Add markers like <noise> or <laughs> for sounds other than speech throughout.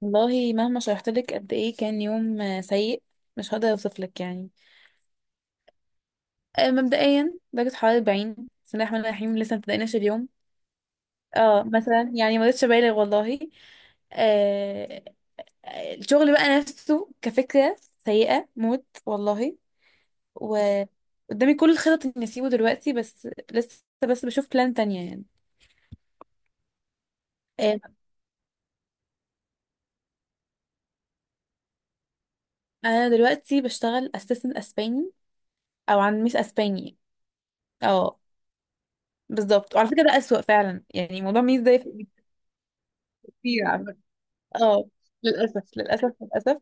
والله مهما شرحت لك قد ايه كان يوم سيء. مش هقدر اوصف لك يعني. مبدئيا درجة حرارة 40. بسم الله الرحمن الرحيم، لسه مبدأناش اليوم. اه مثلا يعني ما رضيتش ابالغ والله. آه. الشغل بقى نفسه كفكرة سيئة موت والله. وقدامي كل الخطط اني اسيبه دلوقتي بس لسه. بس بشوف بلان تانية يعني. آه انا دلوقتي بشتغل اسيستنت اسباني، او عن ميس اسباني. اه بالظبط، وعلى فكرة ده اسوأ فعلا يعني، موضوع ميس ده كتير على فكرة. اه للأسف، للأسف، للأسف.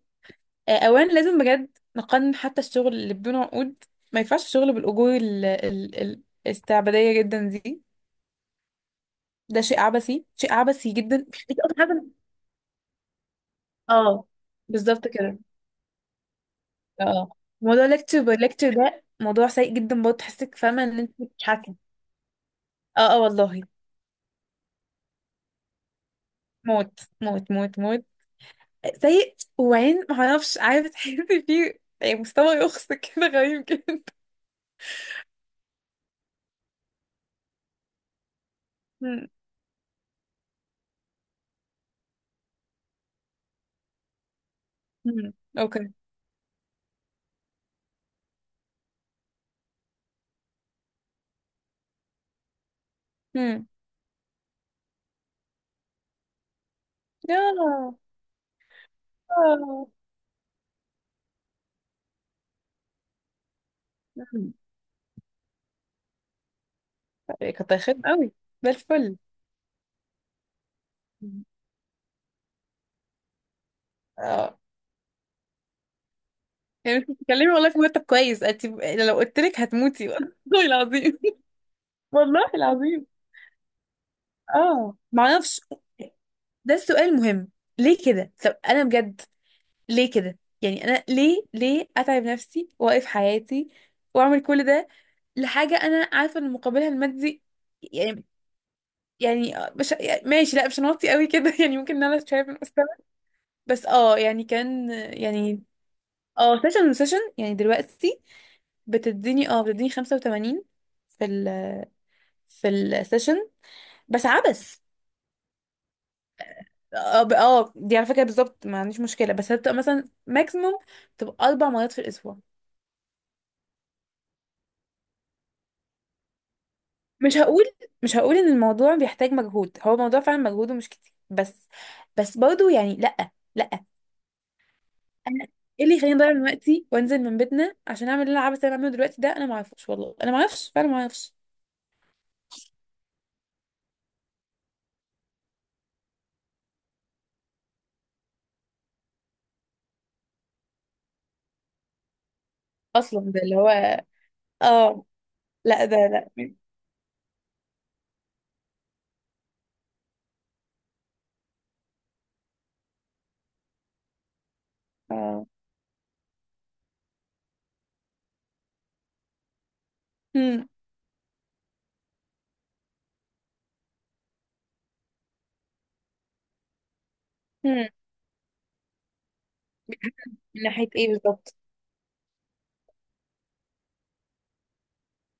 أولا لازم بجد نقنن حتى الشغل اللي بدون عقود. ما ينفعش الشغل بالأجور الاستعبادية جدا دي. ده شيء عبثي، شيء عبثي جدا، دي أكتر حاجة. اه، بالظبط كده. اه موضوع ليكتشر باي ليكتشر ده موضوع سيء جدا برضه، تحسك فاهمة إن أنت بتتحكم. اه، اه، والله. موت. موت، موت، موت. سيء. وبعدين معرفش، عارفة تحسي فيه يعني مستوى يخص كده غريب جدا. مم. مم. اوكي. امم. ياه. آه. مم. كنت هيخدم قوي، ده الفل. مم. اه يعني مش بتتكلمي والله في مرتب كويس انت، لو قلت لك هتموتي <laughs> والله العظيم. والله العظيم. اه معرفش. ده السؤال المهم. ليه كده؟ طب انا بجد ليه كده؟ يعني انا ليه اتعب نفسي واقف حياتي واعمل كل ده لحاجه انا عارفه ان مقابلها المادي يعني. يعني مش يعني، ماشي، لا مش هنوطي قوي كده <laughs> يعني ممكن ان انا شايف. بس يعني كان يعني اه سيشن وسيشن. يعني دلوقتي بتديني 85 في ال، في السيشن بس عبس. دي على فكرة بالظبط ما عنديش مشكلة، بس هتبقى مثلا ماكسيموم تبقى 4 مرات في الأسبوع. مش هقول مش هقول إن الموضوع بيحتاج مجهود، هو الموضوع فعلا مجهوده مش كتير، بس برضه يعني، لأ، لأ. أنا، ايه اللي يخليني اضيع من وقتي وانزل من بيتنا عشان اعمل اللي انا عبس اللي أنا بعمله دلوقتي ده؟ انا ما اعرفش والله، انا ما اعرفش فعلا، ما اعرفش. اصلا ده اللي هو، اه، لا ده لا. اه. هم. هم. من ناحية ايه بالظبط؟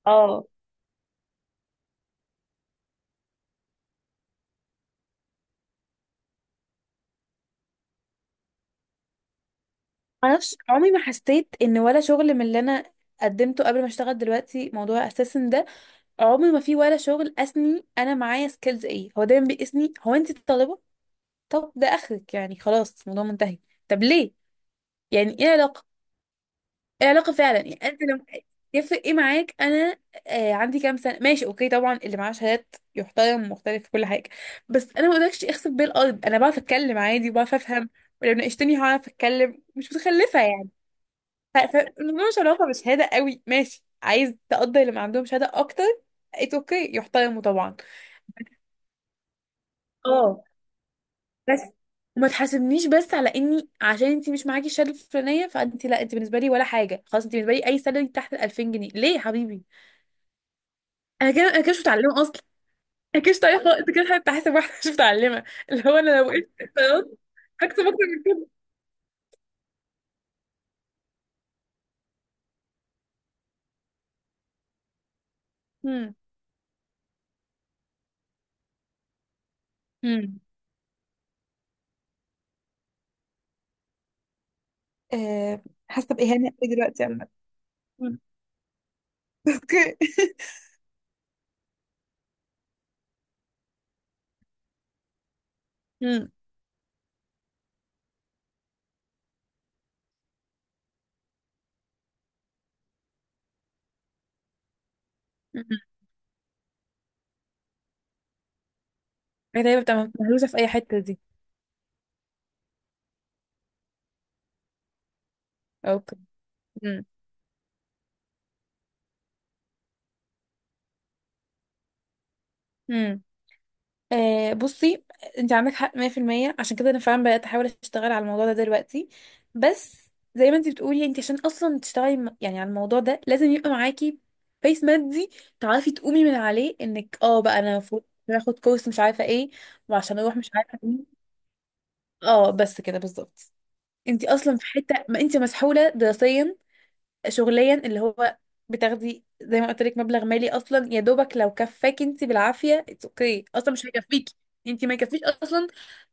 اه ما اعرفش. عمري ما حسيت ان ولا شغل من اللي انا قدمته قبل ما اشتغل دلوقتي موضوع اساسا ده. عمري ما في ولا شغل قاسني، انا معايا سكيلز ايه؟ هو دايما بيقيسني هو انت طالبة، طب ده اخرك يعني، خلاص الموضوع منتهي. طب ليه؟ يعني ايه علاقة؟ العلاقة فعلا يعني انت لما، يفرق ايه معاك انا عندي كام سنة؟ ماشي اوكي، طبعا اللي معاه شهادات يحترم، مختلف في كل حاجة، بس انا ما اقدرش اخسف بيه الارض. انا بعرف اتكلم عادي وبعرف افهم، ولو ناقشتني هعرف اتكلم، مش متخلفة يعني. فالموضوع مش علاقة بشهادة قوي، ماشي عايز تقدر اللي ما عندهم شهادة اكتر، اتس اوكي، يحترموا طبعا. اه، بس وما تحاسبنيش بس على اني عشان انت مش معاكي الشهاده الفلانيه فانت، لا انت بالنسبه لي ولا حاجه، خلاص انت بالنسبه لي اي سالري تحت ال 2000 جنيه، ليه يا حبيبي؟ انا كده، انا كده مش متعلمه اصلا. انا كده مش متعلمه خالص. انت كده حتى حاسب واحده مش متعلمه، اللي هو انا لو وقفت اتصالات هكسب اكتر من كده. امم. امم. آه، حاسه باهانه قوي دلوقتي عامه <laughs> امم. اوكي. امم. أمم. هي تقريبا بتبقى مهروسه في اي حته دي. اوكي. امم. بصي، انت عندك حق 100%، عشان كده انا فعلا بدات احاول اشتغل على الموضوع ده دلوقتي. بس زي ما انت بتقولي، انت عشان اصلا تشتغلي يعني على الموضوع ده لازم يبقى معاكي بيس مادي تعرفي تقومي من عليه، انك بقى انا المفروض باخد كورس مش عارفه ايه وعشان اروح مش عارفه مين. اه، بس كده بالظبط. انت اصلا في حته ما انت مسحوله دراسيا، شغليا، اللي هو بتاخدي زي ما قلت لك مبلغ مالي اصلا يا دوبك لو كفاكي، انت بالعافيه اتس اوكي، اصلا مش هيكفيكي. انت ما يكفيش اصلا.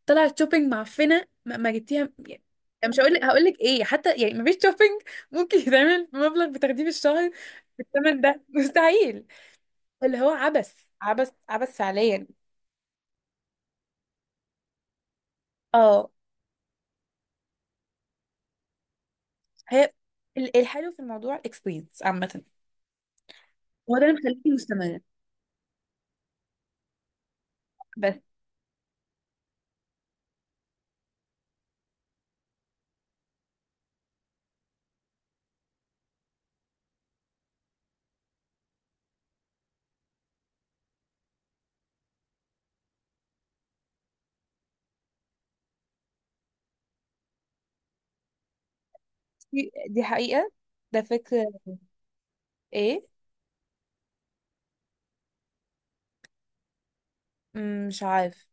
طلعت شوبينج معفنه ما جبتيها يعني. مش هقول لك، هقول لك ايه حتى يعني، ما فيش شوبينج ممكن يتعمل بمبلغ بتاخديه في الشهر بالثمن ده <laughs> مستحيل. اللي هو عبث، عبث، عبث فعليا. اه. هي الحلو في الموضوع الاكسبيرينس عامه، هو ده اللي مخليكي مستمره، بس دي حقيقه. ده فكره. ايه. مش عارف،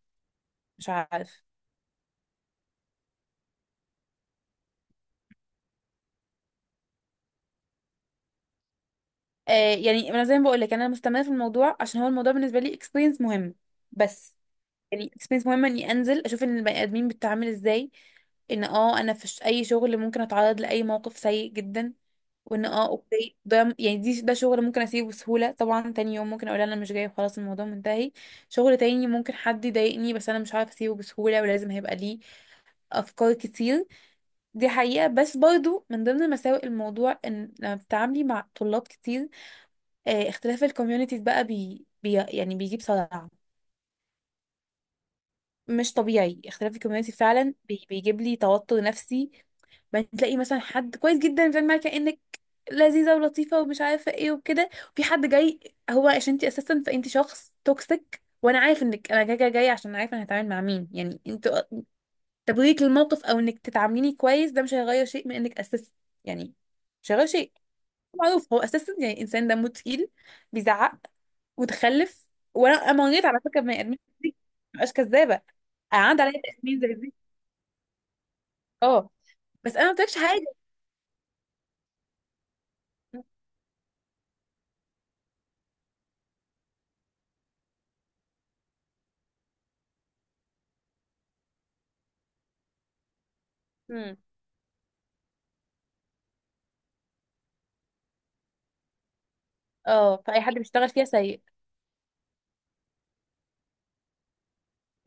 مش عارف. يعني انا زي ما بقول لك انا مستمره في الموضوع عشان هو الموضوع بالنسبه لي اكسبيرينس مهم. بس يعني اكسبيرينس مهمه اني انزل اشوف ان البني ادمين بتتعامل ازاي، ان انا في اي شغل ممكن اتعرض لاي موقف سيء جدا، وان اوكي ده يعني دي ده شغل ممكن اسيبه بسهوله طبعا، تاني يوم ممكن اقول انا مش جاي خلاص الموضوع منتهي. شغل تاني ممكن حد يضايقني بس انا مش عارف اسيبه بسهوله، ولازم هيبقى ليه افكار كتير. دي حقيقة، بس برضو من ضمن مساوئ الموضوع ان لما بتتعاملي مع طلاب كتير، اختلاف الكوميونيتيز بقى بي بي يعني بيجيب صداع. مش طبيعي اختلاف الكوميونيتي فعلا، بيجيب لي توتر نفسي. بعدين تلاقي مثلا حد كويس جدا بتعمل معاك كأنك لذيذة ولطيفة ومش عارفة ايه وكده، وفي حد جاي هو عشان انت اساسا، فانت شخص توكسيك، وانا عارف انك انا جاي عشان عارفه انا هتعامل مع مين يعني انت. تبريك للموقف او انك تتعامليني كويس ده مش هيغير شيء من انك اساسا يعني، مش هيغير شيء. معروف هو اساسا يعني انسان دمه تقيل، بيزعق، متخلف. وانا مريت على فكره بني ادمين كتير، مبقاش كذابه. انا عندي عليا تأثيرين زي دي. اه، بس انا ما قلتلكش حاجه. امم. اه، فاي حد بيشتغل فيها سيء.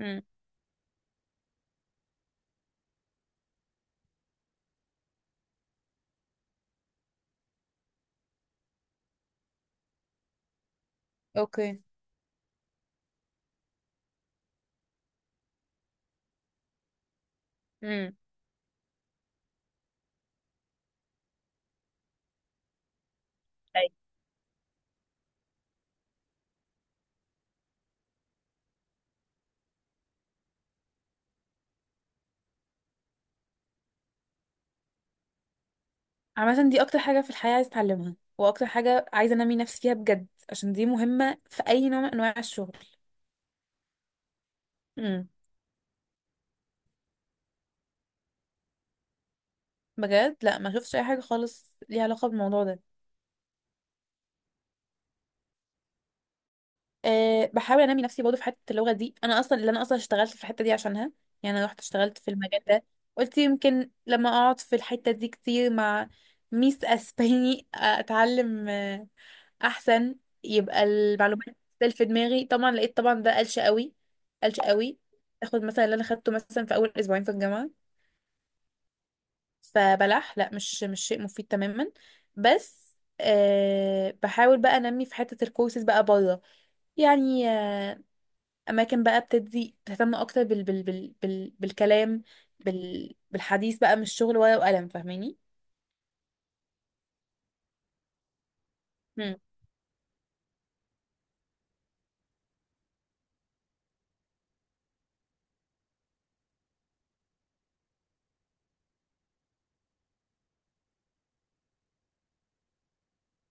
امم. اوكي. امم. طيب. عامه دي اكتر حاجه في الحياه عايزه اتعلمها، واكتر حاجه عايزه انمي نفسي فيها بجد، عشان دي مهمه في اي نوع من انواع الشغل. امم. بجد لا، ما شفتش اي حاجه خالص ليها علاقه بالموضوع ده. بحاول انمي نفسي برضه في حته اللغه دي، انا اصلا اللي انا اصلا اشتغلت في الحته دي عشانها. يعني انا رحت اشتغلت في المجال ده، قلت يمكن لما اقعد في الحته دي كتير مع ميس اسباني اتعلم احسن، يبقى المعلومات تسال في دماغي. طبعا لقيت طبعا ده قلش قوي، قلش قوي. تاخد مثلا اللي انا خدته مثلا في اول أسبوعين في الجامعه فبلح، لا مش شيء مفيد تماما. بس بحاول بقى انمي في حته الكورسز بقى بره، يعني اماكن بقى بتدي تهتم اكتر بالكلام، بالحديث بقى، مش شغل ورقه وقلم، فاهماني؟ مم.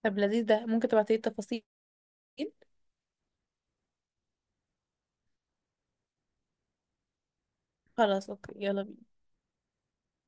طب لذيذ ده، ممكن تبعتي لي التفاصيل؟ خلاص اوكي، يلا بينا.